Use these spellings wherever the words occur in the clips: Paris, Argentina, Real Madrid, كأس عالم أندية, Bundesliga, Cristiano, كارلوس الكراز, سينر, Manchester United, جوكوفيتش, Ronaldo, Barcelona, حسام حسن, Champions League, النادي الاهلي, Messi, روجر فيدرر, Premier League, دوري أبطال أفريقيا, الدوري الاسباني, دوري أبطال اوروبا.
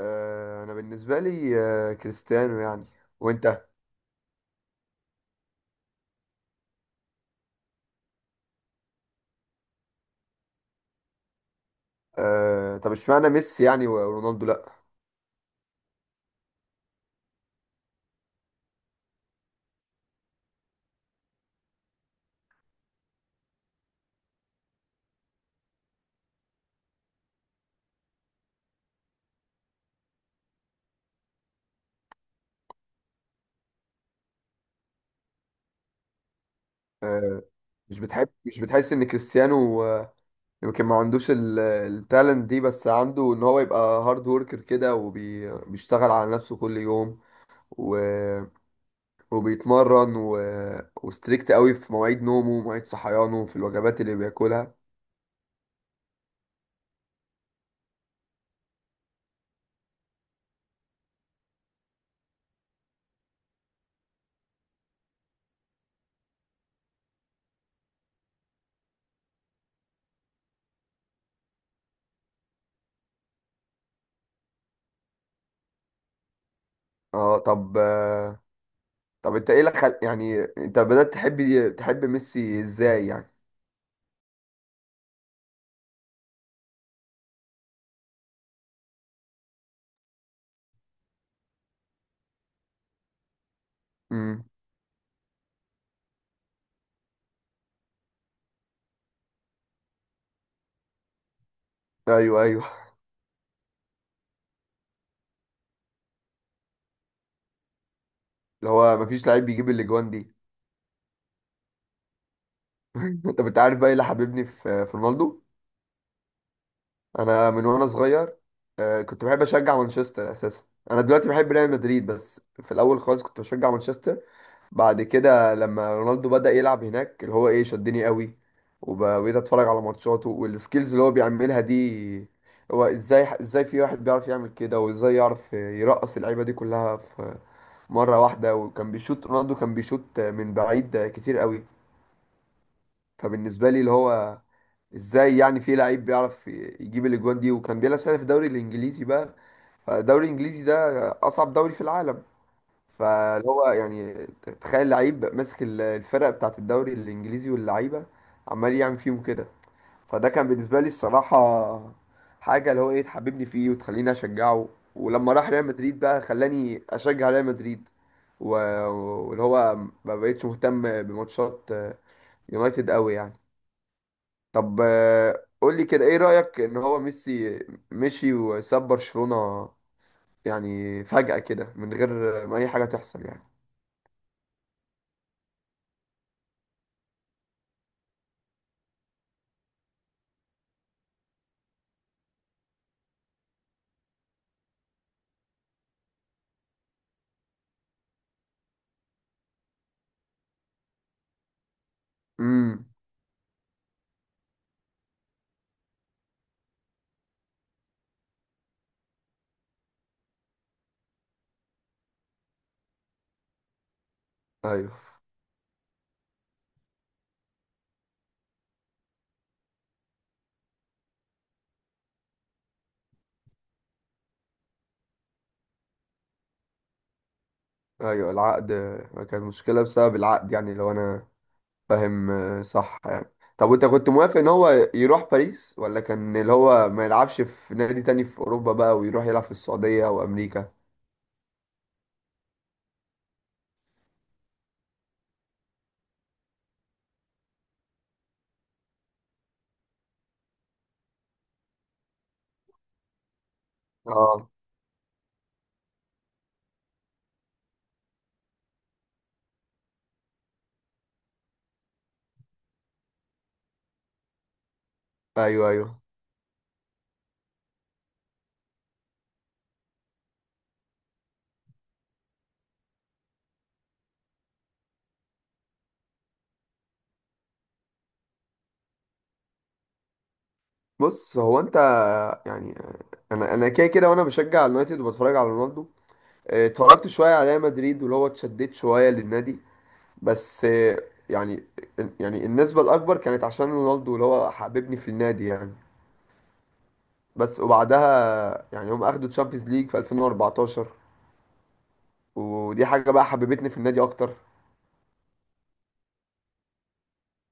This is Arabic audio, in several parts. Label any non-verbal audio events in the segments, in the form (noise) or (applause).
انا بالنسبه لي كريستيانو يعني. وانت؟ طب اشمعنى ميسي يعني، ورونالدو لا؟ آه، مش بتحس ان كريستيانو، يمكن ما عندوش التالنت دي، بس عنده ان هو يبقى هارد وركر كده وبيشتغل على نفسه كل يوم و... وبيتمرن وستريكت قوي في مواعيد نومه ومواعيد صحيانه في الوجبات اللي بياكلها. اه، طب طب انت ايه اللي يعني انت بدأت تحب ميسي ازاي يعني؟ مم. ايوه، ايوه. اللي هو مفيش لعيب بيجيب الاجوان دي. (laughs) طب انت عارف بقى ايه اللي حببني في رونالدو؟ انا من وانا صغير كنت بحب اشجع مانشستر اساسا. انا دلوقتي بحب ريال مدريد، بس في الاول خالص كنت بشجع مانشستر. بعد كده لما رونالدو بدأ يلعب هناك اللي هو ايه شدني قوي، وبقيت اتفرج على ماتشاته والسكيلز اللي هو بيعملها دي. هو ازاي في واحد بيعرف يعمل كده، وازاي يعرف يرقص اللعيبه دي كلها في مره واحده؟ وكان بيشوط، رونالدو كان بيشوط من بعيد كتير قوي. فبالنسبه لي اللي هو ازاي يعني في لعيب بيعرف يجيب الاجوان دي، وكان بيلعب سنه في الدوري الانجليزي بقى؟ فالدوري الانجليزي ده اصعب دوري في العالم. فاللي هو يعني تخيل لعيب ماسك الفرق بتاعت الدوري الانجليزي واللعيبه، عمال يعمل فيهم كده. فده كان بالنسبه لي الصراحه حاجه اللي هو ايه تحببني فيه وتخليني اشجعه. ولما راح ريال مدريد بقى خلاني اشجع ريال مدريد. و- واللي هو ما بقتش مهتم بماتشات يونايتد قوي يعني. طب قول لي كده، ايه رأيك ان هو ميسي مشي وساب برشلونة؟ يعني فجأة كده من غير ما اي حاجة تحصل يعني. امم. ايوه، ايوه العقد، كانت مشكلة بسبب العقد يعني، لو انا فاهم صح يعني. طب وانت كنت موافق ان هو يروح باريس، ولا كان اللي هو ما يلعبش في نادي تاني في اوروبا بقى، ويروح يلعب في السعودية او امريكا؟ اه. ايوه، ايوه. بص هو انت، يعني انا كده كده وانا بشجع اليونايتد وبتفرج على رونالدو. اتفرجت شوية على ريال مدريد واللي هو اتشددت شوية للنادي. بس يعني النسبة الأكبر كانت عشان رونالدو اللي هو حببني في النادي يعني. بس وبعدها يعني هم أخدوا تشامبيونز ليج في 2014، ودي حاجة بقى حببتني في النادي أكتر.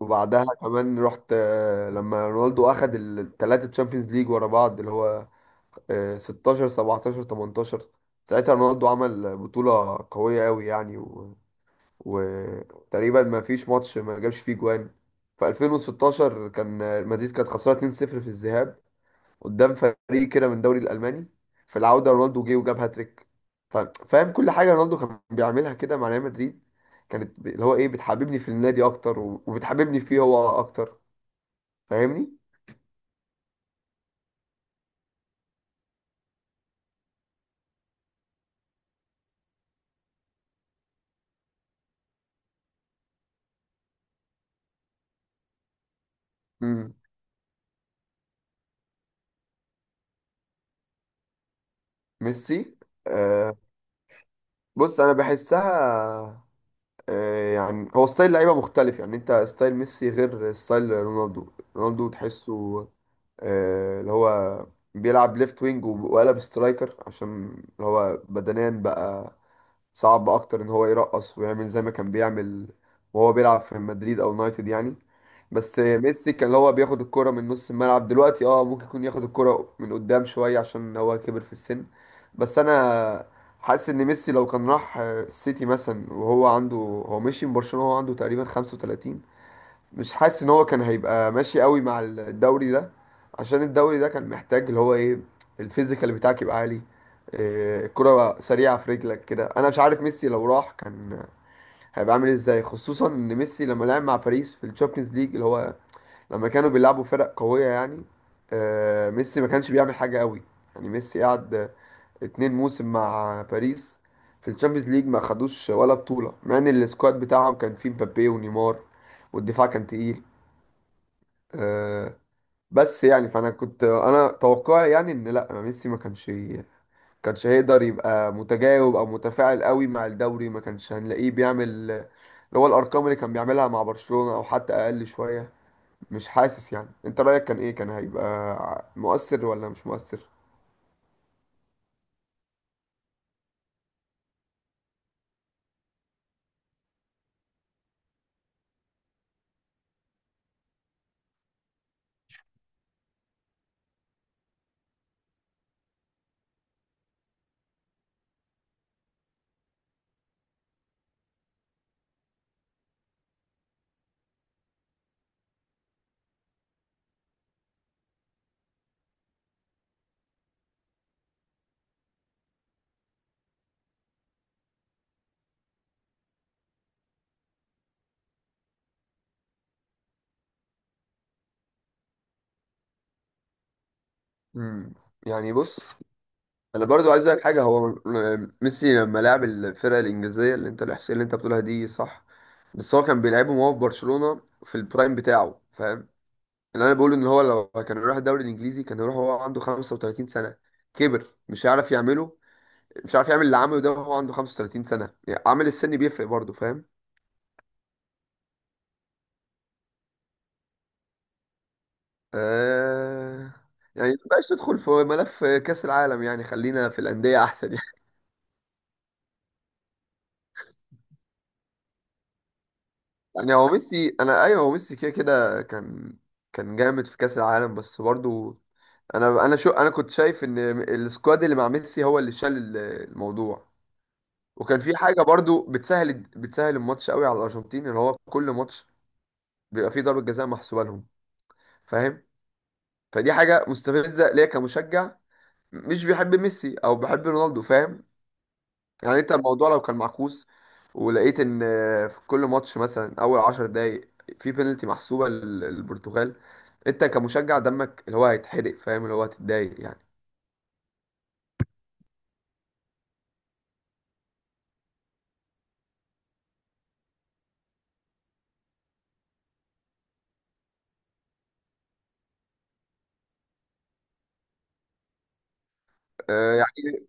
وبعدها كمان رحت، لما رونالدو أخد التلاتة تشامبيونز ليج ورا بعض اللي هو 16 17 18. ساعتها رونالدو عمل بطولة قوية أوي يعني، وتقريبا ما فيش ماتش ما جابش فيه جوان. في 2016 كان المدريد كانت خسرانه 2-0 في الذهاب قدام فريق كده من الدوري الالماني. في العوده رونالدو جه وجاب هاتريك. ف- فاهم، كل حاجه رونالدو كان بيعملها كده مع ريال مدريد كانت اللي هو ايه بتحببني في النادي اكتر وبتحببني فيه هو اكتر. فاهمني؟ مم. ميسي آه. بص انا بحسها، يعني هو ستايل لعيبه مختلف. يعني انت ستايل ميسي غير ستايل رونالدو. رونالدو تحسه اللي هو بيلعب ليفت وينج وقلب سترايكر، عشان اللي هو بدنيا بقى صعب اكتر ان هو يرقص ويعمل زي ما كان بيعمل، وهو بيلعب في مدريد او يونايتد يعني. بس ميسي كان اللي هو بياخد الكرة من نص الملعب. دلوقتي اه ممكن يكون ياخد الكرة من قدام شوية عشان هو كبر في السن. بس انا حاسس ان ميسي لو كان راح السيتي مثلا، وهو عنده، هو مشي من برشلونة وهو عنده تقريبا 35، مش حاسس ان هو كان هيبقى ماشي قوي مع الدوري ده. عشان الدوري ده كان محتاج اللي هو ايه، الفيزيكال بتاعك يبقى عالي، إيه، الكرة سريعة في رجلك كده. انا مش عارف ميسي لو راح كان هيبقى عامل ازاي، خصوصا ان ميسي لما لعب مع باريس في الشامبيونز ليج اللي هو لما كانوا بيلعبوا فرق قوية يعني، ميسي ما كانش بيعمل حاجة قوي. يعني ميسي قعد اتنين موسم مع باريس في الشامبيونز ليج، ما خدوش ولا بطولة، مع ان السكواد بتاعهم كان فيه مبابي ونيمار والدفاع كان تقيل. آه، بس يعني، فانا كنت، انا توقعي يعني ان لا، ميسي ما كانش كانش هيقدر يبقى متجاوب او متفاعل قوي مع الدوري. ما كانش هنلاقيه بيعمل اللي هو الارقام اللي كان بيعملها مع برشلونة او حتى اقل شوية. مش حاسس؟ يعني انت رايك كان ايه، كان هيبقى مؤثر ولا مش مؤثر؟ امم يعني بص، انا برضو عايز اقول حاجه، هو ميسي لما لعب الفرقه الانجليزيه، اللي انت الاحصائيه اللي انت بتقولها دي صح، بس هو كان بيلعبهم وهو في برشلونه في البرايم بتاعه. اللي انا بقوله ان هو لو كان راح الدوري الانجليزي كان يروح وهو عنده 35 سنه، كبر، مش هيعرف يعمله. مش عارف يعمل اللي عمله ده وهو عنده 35 سنه. يعني عامل السن بيفرق برضه، فاهم؟ آه... يعني مبقاش ندخل في ملف كاس العالم يعني، خلينا في الانديه احسن يعني. (laughs) يعني هو ميسي، انا ايوه هو ميسي كده كده كان جامد في كاس العالم، بس برضه انا شو، انا كنت شايف ان السكواد اللي مع ميسي هو اللي شال الموضوع. وكان في حاجه برضو بتسهل الماتش قوي على الارجنتين، اللي هو كل ماتش بيبقى فيه ضربه جزاء محسوبه لهم، فاهم؟ فدي حاجه مستفزه ليا كمشجع مش بيحب ميسي او بيحب رونالدو، فاهم؟ يعني انت الموضوع لو كان معكوس، ولقيت ان في كل ماتش مثلا اول 10 دقايق في بينالتي محسوبه للبرتغال، انت كمشجع دمك اللي هو هيتحرق، فاهم، اللي هو هتتضايق يعني يعني،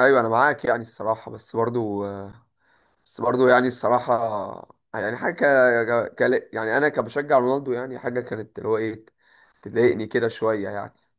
ايوه، انا معاك يعني الصراحه. بس برضو، بس برضه يعني الصراحة، يعني حاجة، يعني أنا كبشجع رونالدو، يعني حاجة كانت اللي هو إيه، تضايقني كده شوية يعني.